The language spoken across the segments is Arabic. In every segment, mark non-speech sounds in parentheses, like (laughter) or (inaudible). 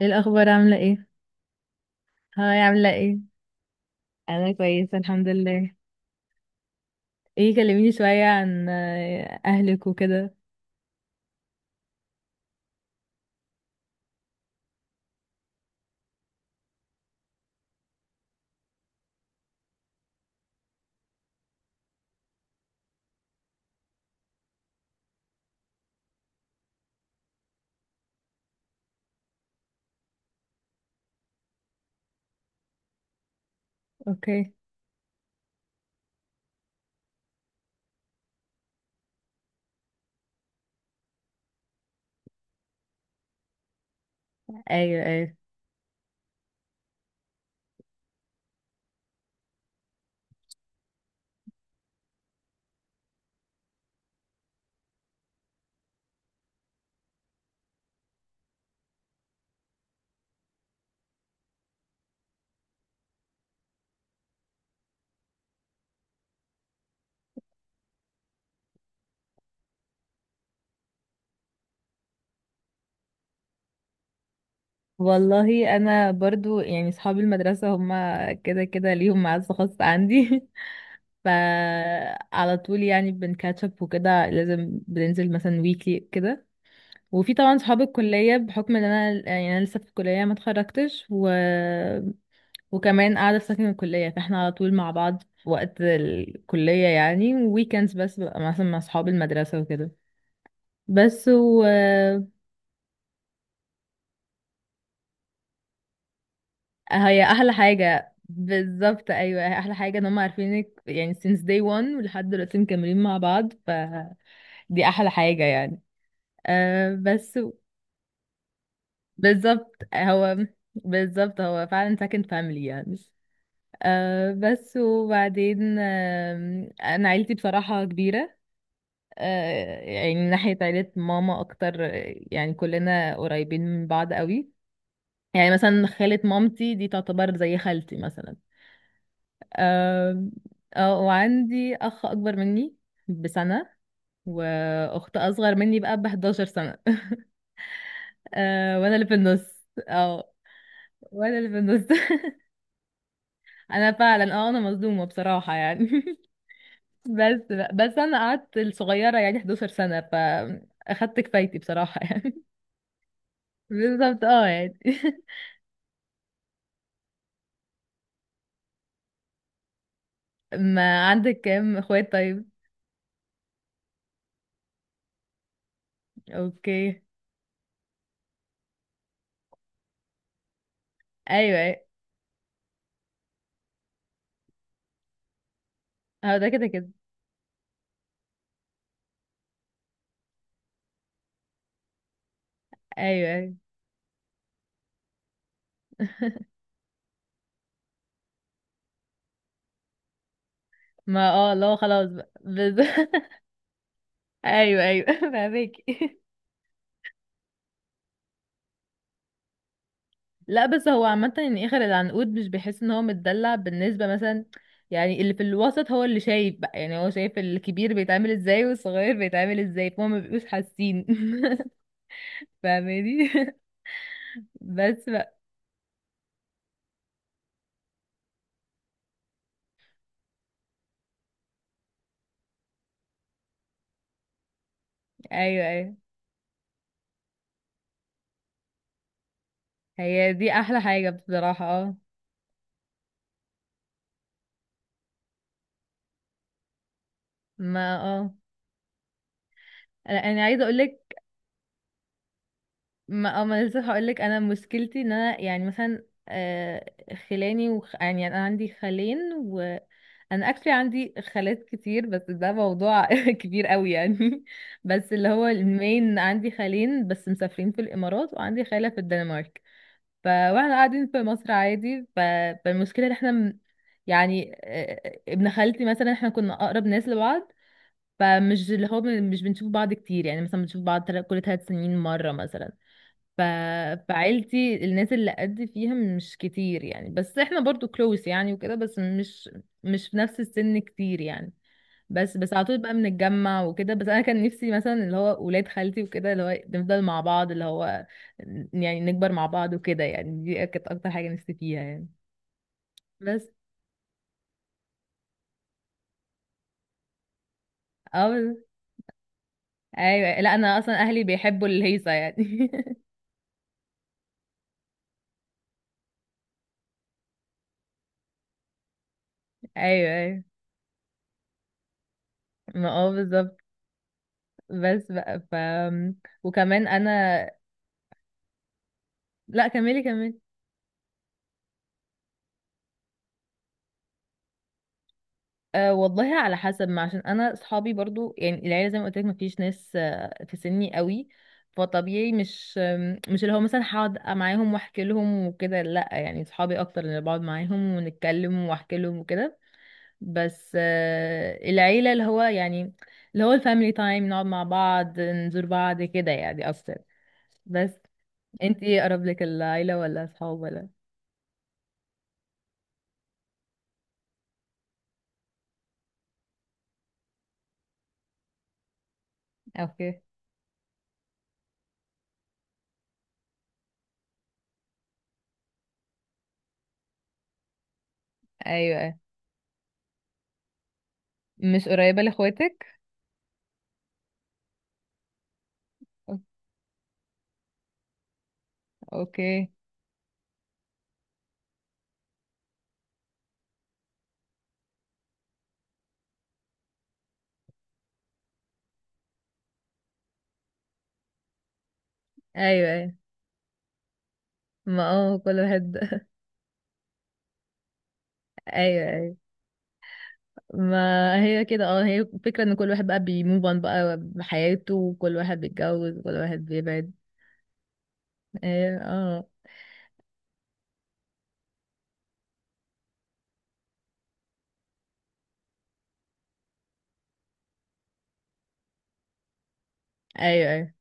ايه الاخبار؟ عامله ايه؟ هاي، عامله ايه؟ انا كويسه الحمد لله. ايه، كلميني شويه عن اهلك وكده. اوكي. ايوه ايوه. والله انا برضو يعني صحاب المدرسه هما كده كده ليهم معزه خاصه عندي. (laughs) فعلى طول يعني بنكاتشب وكده، لازم بننزل مثلا ويكلي كده. وفي طبعا صحاب الكليه بحكم ان انا يعني انا لسه في الكليه ما اتخرجتش، وكمان قاعدة في سكن الكلية، فاحنا على طول مع بعض في وقت الكلية، يعني ويكندز بس ببقى مثلا مع صحاب المدرسة وكده. بس. هي أحلى حاجة بالظبط، أيوة هي أحلى حاجة إن هم عارفينك يعني since day one ولحد دلوقتي مكملين مع بعض، فدي أحلى حاجة يعني. أه بس. بالظبط هو بالظبط هو فعلا سكن فاميلي يعني. أه بس وبعدين، أنا عيلتي بصراحة كبيرة. يعني من ناحية عيلة ماما أكتر، يعني كلنا قريبين من بعض قوي. يعني مثلا خالة مامتي دي تعتبر زي خالتي مثلا. آم، اه، وعندي أخ أكبر مني بسنة، وأخت أصغر مني بقى بحداشر سنة. (laughs) وأنا اللي في النص، اه وأنا اللي في النص. (laughs) أنا فعلا، أنا مظلومة بصراحة يعني. (laughs) بس بس أنا قعدت الصغيرة يعني 11 سنة، فأخدت كفايتي بصراحة يعني. (laughs) بالظبط، يعني. (laughs) ما عندك كام اخوات طيب؟ اوكي، ايوه ايوه. هو ده كده كده، ايوه ايوه. (laughs) ما اه، لا خلاص بقى، (laughs) ايوه ايوه. (laughs) فهماكي. لا بس هو عامة يعني اخر العنقود مش بيحس ان هو متدلع، بالنسبة مثلا. يعني اللي في الوسط هو اللي شايف بقى، يعني هو شايف الكبير بيتعامل ازاي والصغير بيتعامل ازاي، فهم ما بيبقوش حاسين. (laughs) فاهماني. (laughs) بس بقى. ايوه ايوه، هي دي احلى حاجة بصراحة، اه. ما اه، أنا عايزة اقولك. ما اه، ما لسه هقولك، انا مشكلتي ان انا يعني مثلا، يعني انا عندي خالين، وانا اكشلي عندي خالات كتير، بس ده موضوع (laughs) كبير قوي يعني. بس اللي هو المين، عندي خالين بس مسافرين في الامارات، وعندي خالة في الدنمارك. ف، واحنا قاعدين في مصر عادي. فالمشكلة ان احنا، يعني ابن خالتي مثلا، احنا كنا اقرب ناس لبعض. فمش اللي هو، مش بنشوف بعض كتير، يعني مثلا بنشوف بعض كل 3 سنين مرة مثلا. ف... فعيلتي الناس اللي قد فيها مش كتير يعني، بس احنا برضو كلوس يعني وكده، بس مش في نفس السن كتير يعني. بس على طول بقى بنتجمع وكده، بس انا كان نفسي مثلا اللي هو ولاد خالتي وكده، اللي هو نفضل مع بعض، اللي هو يعني نكبر مع بعض وكده، يعني دي كانت اكتر حاجة نفسي فيها يعني. بس. اه بس- ايوه، لا انا اصلا اهلي بيحبوا الهيصة يعني. (laughs) ايوه ايوه، ما اه بالظبط. بس بقى. وكمان انا. لا كملي كملي. أه والله على حسب، ما عشان انا اصحابي برضو يعني العيله زي ما قلت لك ما فيش ناس في سني قوي. فطبيعي مش اللي هو مثلا هقعد معاهم واحكي لهم وكده، لا يعني اصحابي اكتر اللي بقعد معاهم ونتكلم واحكي لهم وكده. بس العيله اللي هو يعني، اللي هو الفاميلي تايم، نقعد مع بعض نزور بعض كده يعني اكتر. بس انت ايه اقرب لك، العيله ولا اصحاب ولا؟ اوكي. ايوه. مش قريبه لاخواتك؟ اوكي، ايوه. ما اه كل واحد. (laughs) ايوه ايوه. ما هي كده، هي فكرة ان كل واحد بقى بيموف اون بقى بحياته، وكل واحد بيتجوز وكل واحد بيبعد. ايوه اه، ايوه ايوه.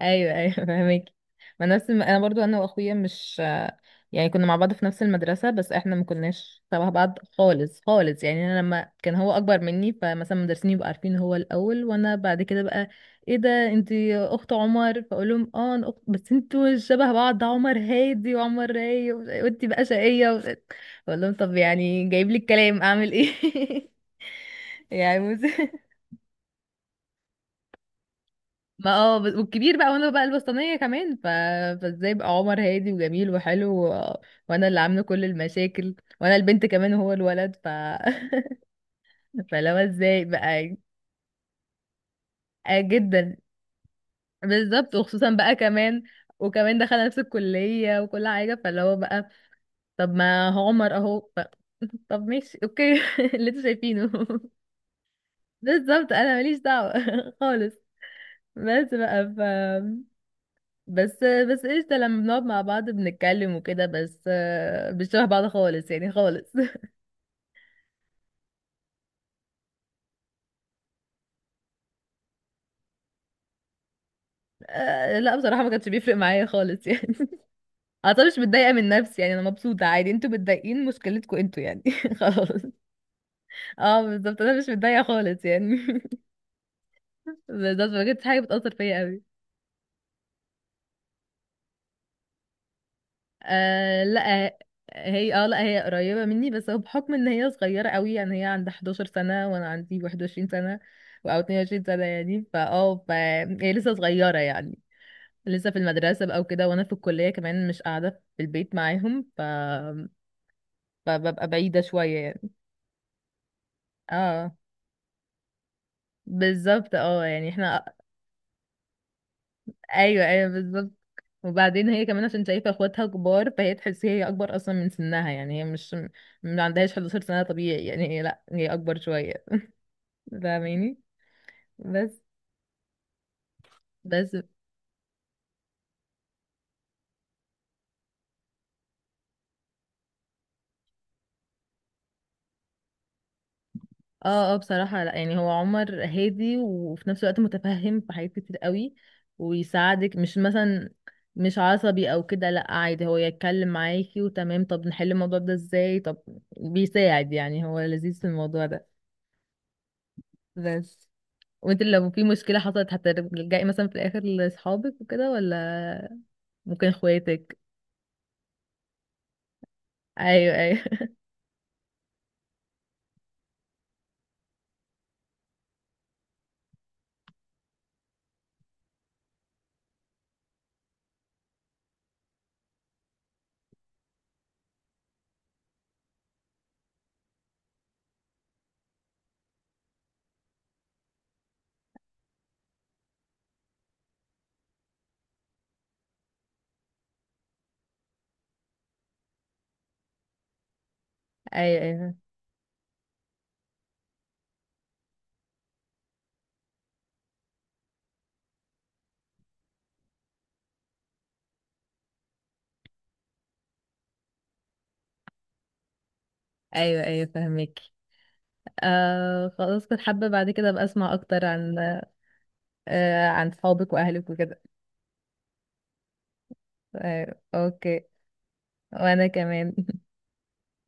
ايوه ايوه. (laughs) فاهمك. ما نفس الم... انا برضو انا واخويا مش، يعني كنا مع بعض في نفس المدرسه، بس احنا ما كناش تبع بعض خالص خالص يعني. انا لما كان هو اكبر مني، فمثلا المدرسين يبقوا عارفين هو الاول وانا بعد كده، بقى ايه ده انت اخت عمر؟ فاقول لهم اه انا اخت، بس انتوا مش شبه بعض، ده عمر هادي وعمر رايق، وانت بقى شقيه اقول لهم طب يعني جايب لي الكلام اعمل ايه. (laughs) يعني. ما اه، والكبير بقى وانا بقى الوسطانية كمان، فازاي بقى عمر هادي وجميل وحلو وانا اللي عاملة كل المشاكل، وانا البنت كمان وهو الولد، ف. (laughs) فلو ازاي بقى. آه جدا. بالظبط، وخصوصا بقى كمان. وكمان دخل نفس الكلية وكل حاجة، فاللي هو بقى طب ما هو عمر اهو. (laughs) طب ماشي اوكي. (laughs) اللي انتوا شايفينه. (laughs) بالظبط انا ماليش دعوة (laughs) خالص. بس بقى. بس قشطة لما بنقعد مع بعض بنتكلم وكده، بس مش شبه بعض خالص يعني خالص. (laughs) لا بصراحة ما كانش بيفرق معايا خالص يعني. (laughs) انا طبعا مش متضايقة من نفسي يعني، انا مبسوطة عادي، انتوا متضايقين مشكلتكم انتوا يعني. (laughs) خلاص. اه بالظبط، انا مش متضايقة خالص يعني. (laughs) بالظبط، ما كانتش حاجة بتأثر فيا قوي. آه لا. هي لا، هي قريبة مني، بس هو بحكم ان هي صغيرة قوي يعني، هي عندها 11 سنة وانا عندي 21 سنة او 22 سنة يعني. فهي لسه صغيرة يعني، لسه في المدرسة بقى وكده، وانا في الكلية كمان مش قاعدة في البيت معاهم. فببقى بعيدة شوية يعني. اه بالظبط، اه يعني احنا. ايوه ايوه بالظبط. وبعدين هي كمان عشان شايفة اخواتها كبار فهي تحس هي اكبر اصلا من سنها يعني، هي مش ما عندهاش 11 سنة طبيعي يعني، هي لا هي اكبر شوية. فاهماني. بس بس اه اه، بصراحة لا يعني هو عمر هادي، وفي نفس الوقت متفهم في حاجات كتير قوي، ويساعدك، مش مثلا، مش عصبي او كده، لا عادي، هو يتكلم معاكي وتمام، طب نحل الموضوع ده ازاي، طب بيساعد يعني، هو لذيذ في الموضوع ده. بس، وانت لو في مشكلة حصلت هترجعي مثلا في الاخر لاصحابك وكده، ولا ممكن اخواتك؟ ايوه ايوه. (laughs) ايوه ايوه. ايوه ايوه فهمك. خلاص كنت حابة بعد كده ابقى اسمع اكتر عن عن صحابك واهلك وكده. أيوة. اوكي. وانا كمان.